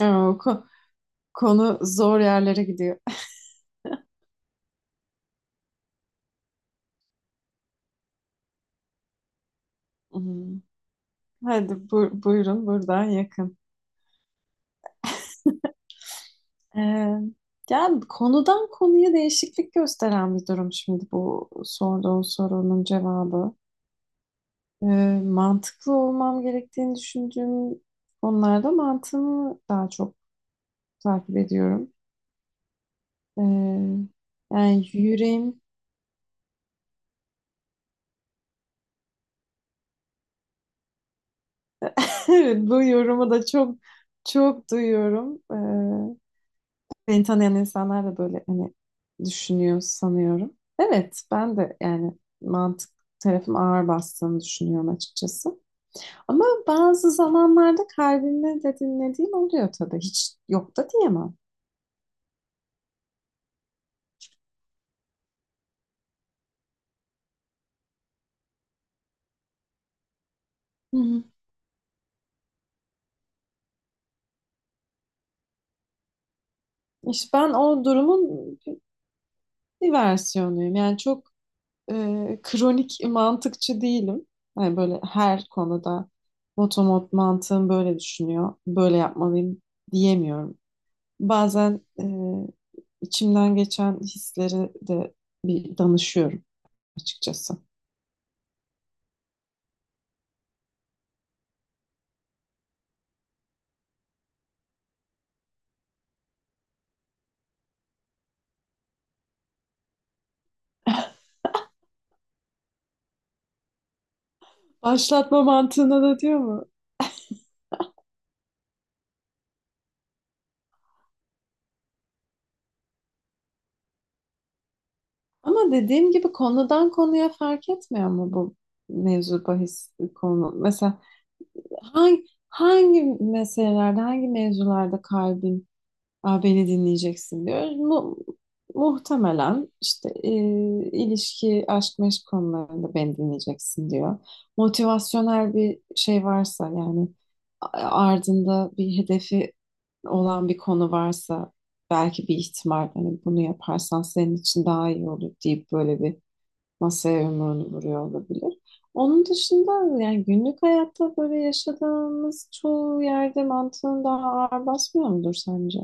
Aa, O ko- konu zor yerlere gidiyor. Hmm. Hadi buyurun buradan yakın. Ee, Yani konudan konuya değişiklik gösteren bir durum şimdi bu sorduğun sorunun cevabı. Ee, Mantıklı olmam gerektiğini düşündüğüm konularda mantığımı daha çok takip ediyorum. Ee, Yani yüreğim. Bu yorumu da çok duyuyorum. Beni tanıyan insanlar da böyle hani düşünüyor sanıyorum. Evet, ben de yani mantık tarafım ağır bastığını düşünüyorum açıkçası. Ama bazı zamanlarda kalbimle de dinlediğim oluyor tabii. Hiç yok da diyemem. Hı hı. İşte ben o durumun bir versiyonuyum. Yani çok kronik mantıkçı değilim. Yani böyle her konuda motomot mantığım böyle düşünüyor, böyle yapmalıyım diyemiyorum. Bazen İçimden geçen hisleri de bir danışıyorum açıkçası. Başlatma mantığına da diyor mu? Ama dediğim gibi konudan konuya fark etmiyor mu bu mevzu bahis konu? Mesela hangi meselelerde, hangi mevzularda kalbin, beni dinleyeceksin diyor. Muhtemelen işte ilişki, aşk, meşk konularında beni dinleyeceksin diyor. Motivasyonel bir şey varsa, yani ardında bir hedefi olan bir konu varsa, belki bir ihtimal hani bunu yaparsan senin için daha iyi olur deyip böyle bir masaya yumruğunu vuruyor olabilir. Onun dışında yani günlük hayatta böyle yaşadığımız çoğu yerde mantığın daha ağır basmıyor mudur sence?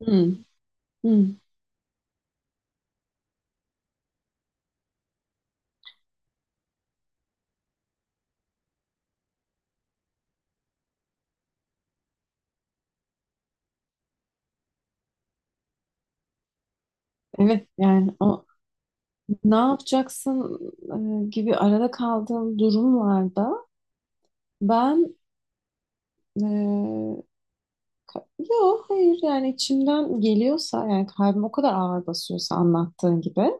Hmm. Hı, evet. Yani o ne yapacaksın, gibi arada kaldığım durumlarda ben, e, yo hayır, yani içimden geliyorsa, yani kalbim o kadar ağır basıyorsa anlattığın gibi,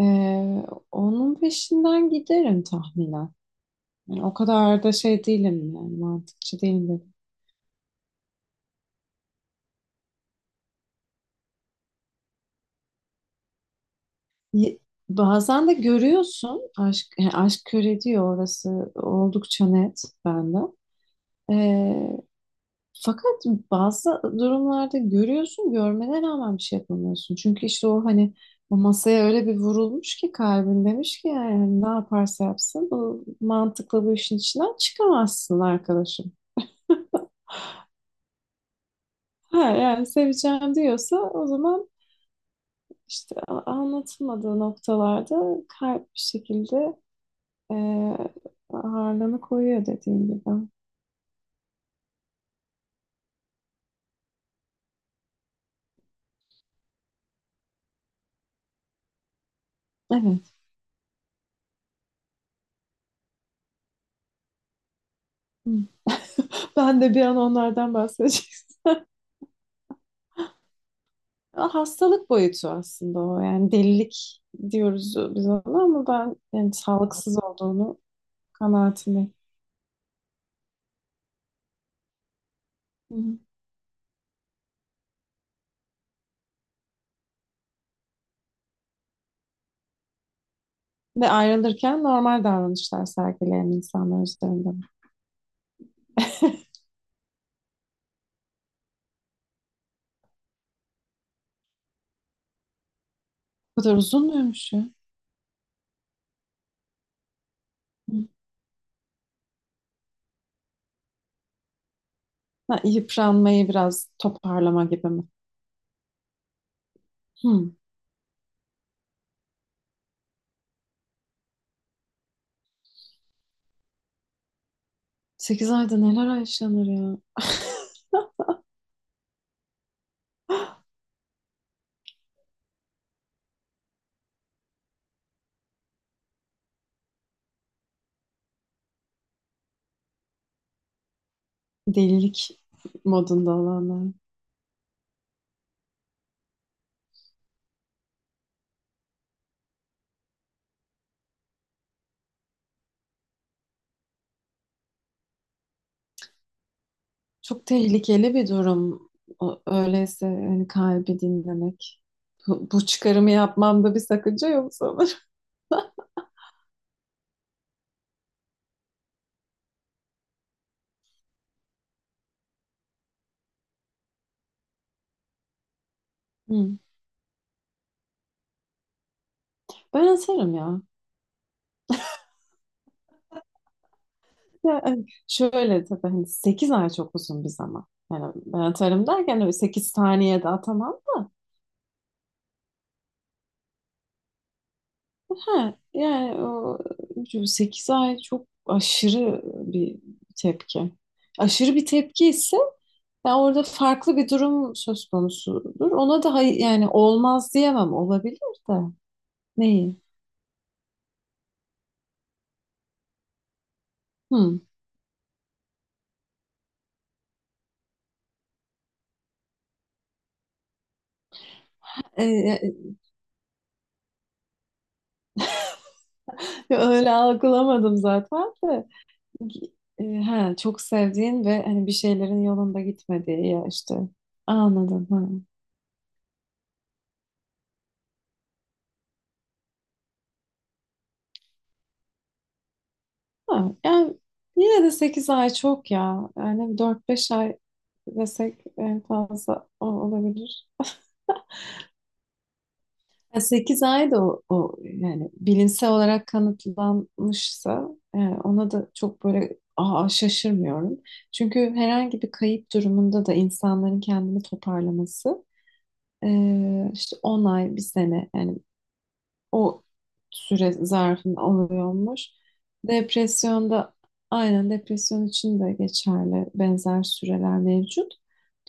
e, onun peşinden giderim tahminen. Yani o kadar da şey değilim, yani mantıkçı değilim dedim. Ye- Bazen de görüyorsun aşk, yani aşk kör ediyor, orası oldukça net bende. E, Fakat bazı durumlarda görüyorsun, görmene rağmen bir şey yapamıyorsun. Çünkü işte o hani o masaya öyle bir vurulmuş ki kalbin demiş ki yani hani ne yaparsa yapsın bu mantıkla bu işin içinden çıkamazsın arkadaşım. Ha yani seveceğim diyorsa o zaman işte anlatılmadığı noktalarda kalp bir şekilde, e, ağırlığını koyuyor dediğin gibi. Evet. Hı. Ben de bir an onlardan bahsedeceğim. Ama hastalık boyutu aslında o. Yani delilik diyoruz biz ona ama ben yani sağlıksız olduğunu kanaatindeyim. Hı hı. Ve ayrılırken normal davranışlar sergileyen insanlar üzerinde. Bu kadar uzun muymuş ya? Hı. Ha, yıpranmayı biraz toparlama gibi mi? Hı. 8 ayda neler yaşanır ya? Delilik modunda olanlar. Çok tehlikeli bir durum. Öyleyse hani kalbi dinlemek. Bu çıkarımı yapmamda bir sakınca yok sana. Hı. Ben atarım ya. Ya, hani şöyle tabii, hani 8 ay çok uzun bir zaman. Yani ben atarım derken öyle 8 saniyede atamam. Ha, yani o 8 ay çok aşırı bir tepki. Aşırı bir tepki ise ya orada farklı bir durum söz konusudur. Ona da yani olmaz diyemem, olabilir de. Neyi? Hı. E, öyle algılamadım zaten de. Çok sevdiğin ve hani bir şeylerin yolunda gitmediği ya işte. Anladım. Ha. Ha, yani yine de 8 ay çok ya. Yani 4 5 ay desek en fazla olabilir. Yani 8 ay da o yani bilimsel olarak kanıtlanmışsa, yani ona da çok böyle şaşırmıyorum. Çünkü herhangi bir kayıp durumunda da insanların kendini toparlaması, işte 10 ay, bir sene, yani o süre zarfında oluyormuş. Depresyonda, aynen depresyon için de geçerli benzer süreler mevcut.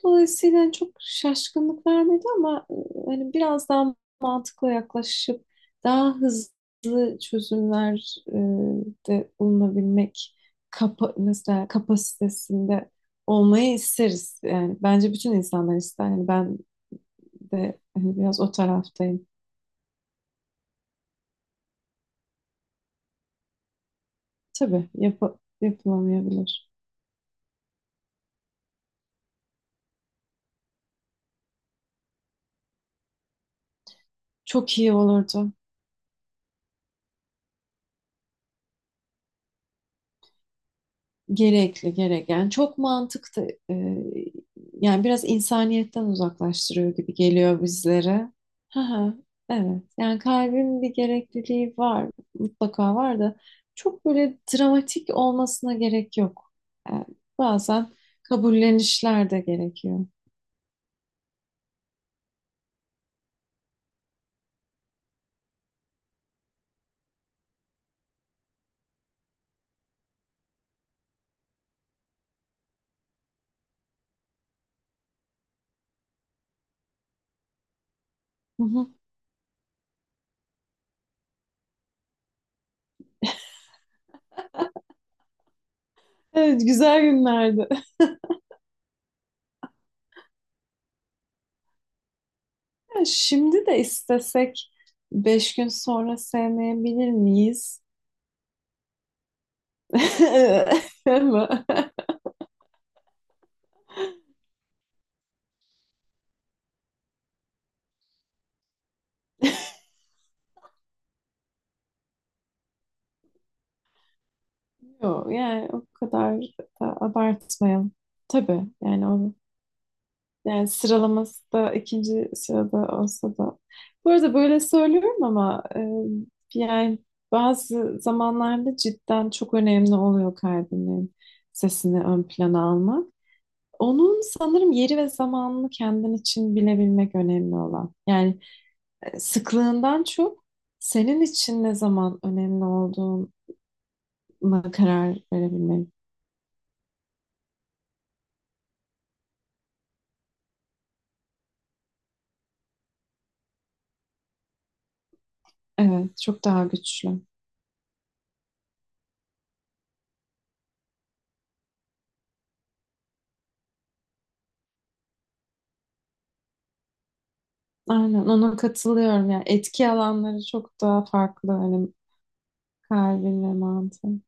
Dolayısıyla çok şaşkınlık vermedi ama hani biraz daha mantıklı yaklaşıp daha hızlı çözümler, de bulunabilmek mesela kapasitesinde olmayı isteriz. Yani bence bütün insanlar ister. Yani ben de hani biraz o taraftayım. Tabii yapılamayabilir. Çok iyi olurdu. Gerekli, gereken. Yani çok mantıklı. Yani biraz insaniyetten uzaklaştırıyor gibi geliyor bizlere. Hı hı, evet. Yani kalbin bir gerekliliği var. Mutlaka var da çok böyle dramatik olmasına gerek yok. Yani bazen kabullenişler de gerekiyor. Hı hı. Evet, güzel günlerdi. Şimdi de istesek 5 gün sonra sevmeyebilir miyiz? Ama yok, yani o kadar da abartmayalım. Tabii yani onu, yani sıralaması da ikinci sırada olsa da. Bu arada böyle söylüyorum ama yani bazı zamanlarda cidden çok önemli oluyor kalbinin sesini ön plana almak. Onun sanırım yeri ve zamanını kendin için bilebilmek önemli olan. Yani sıklığından çok senin için ne zaman önemli olduğuna karar verebilmek. Evet, çok daha güçlü. Aynen ona katılıyorum. Yani etki alanları çok daha farklı hani kalbin ve mantığın.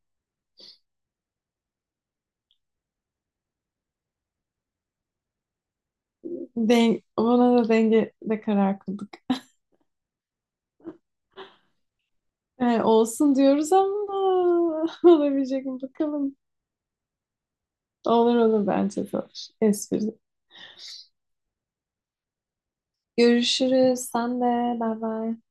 Den ona da dengede karar kıldık. Yani olsun diyoruz ama olabilecek mi bakalım. Olur olur, bence de olur. Espri. Görüşürüz. Sen de. Bay bay.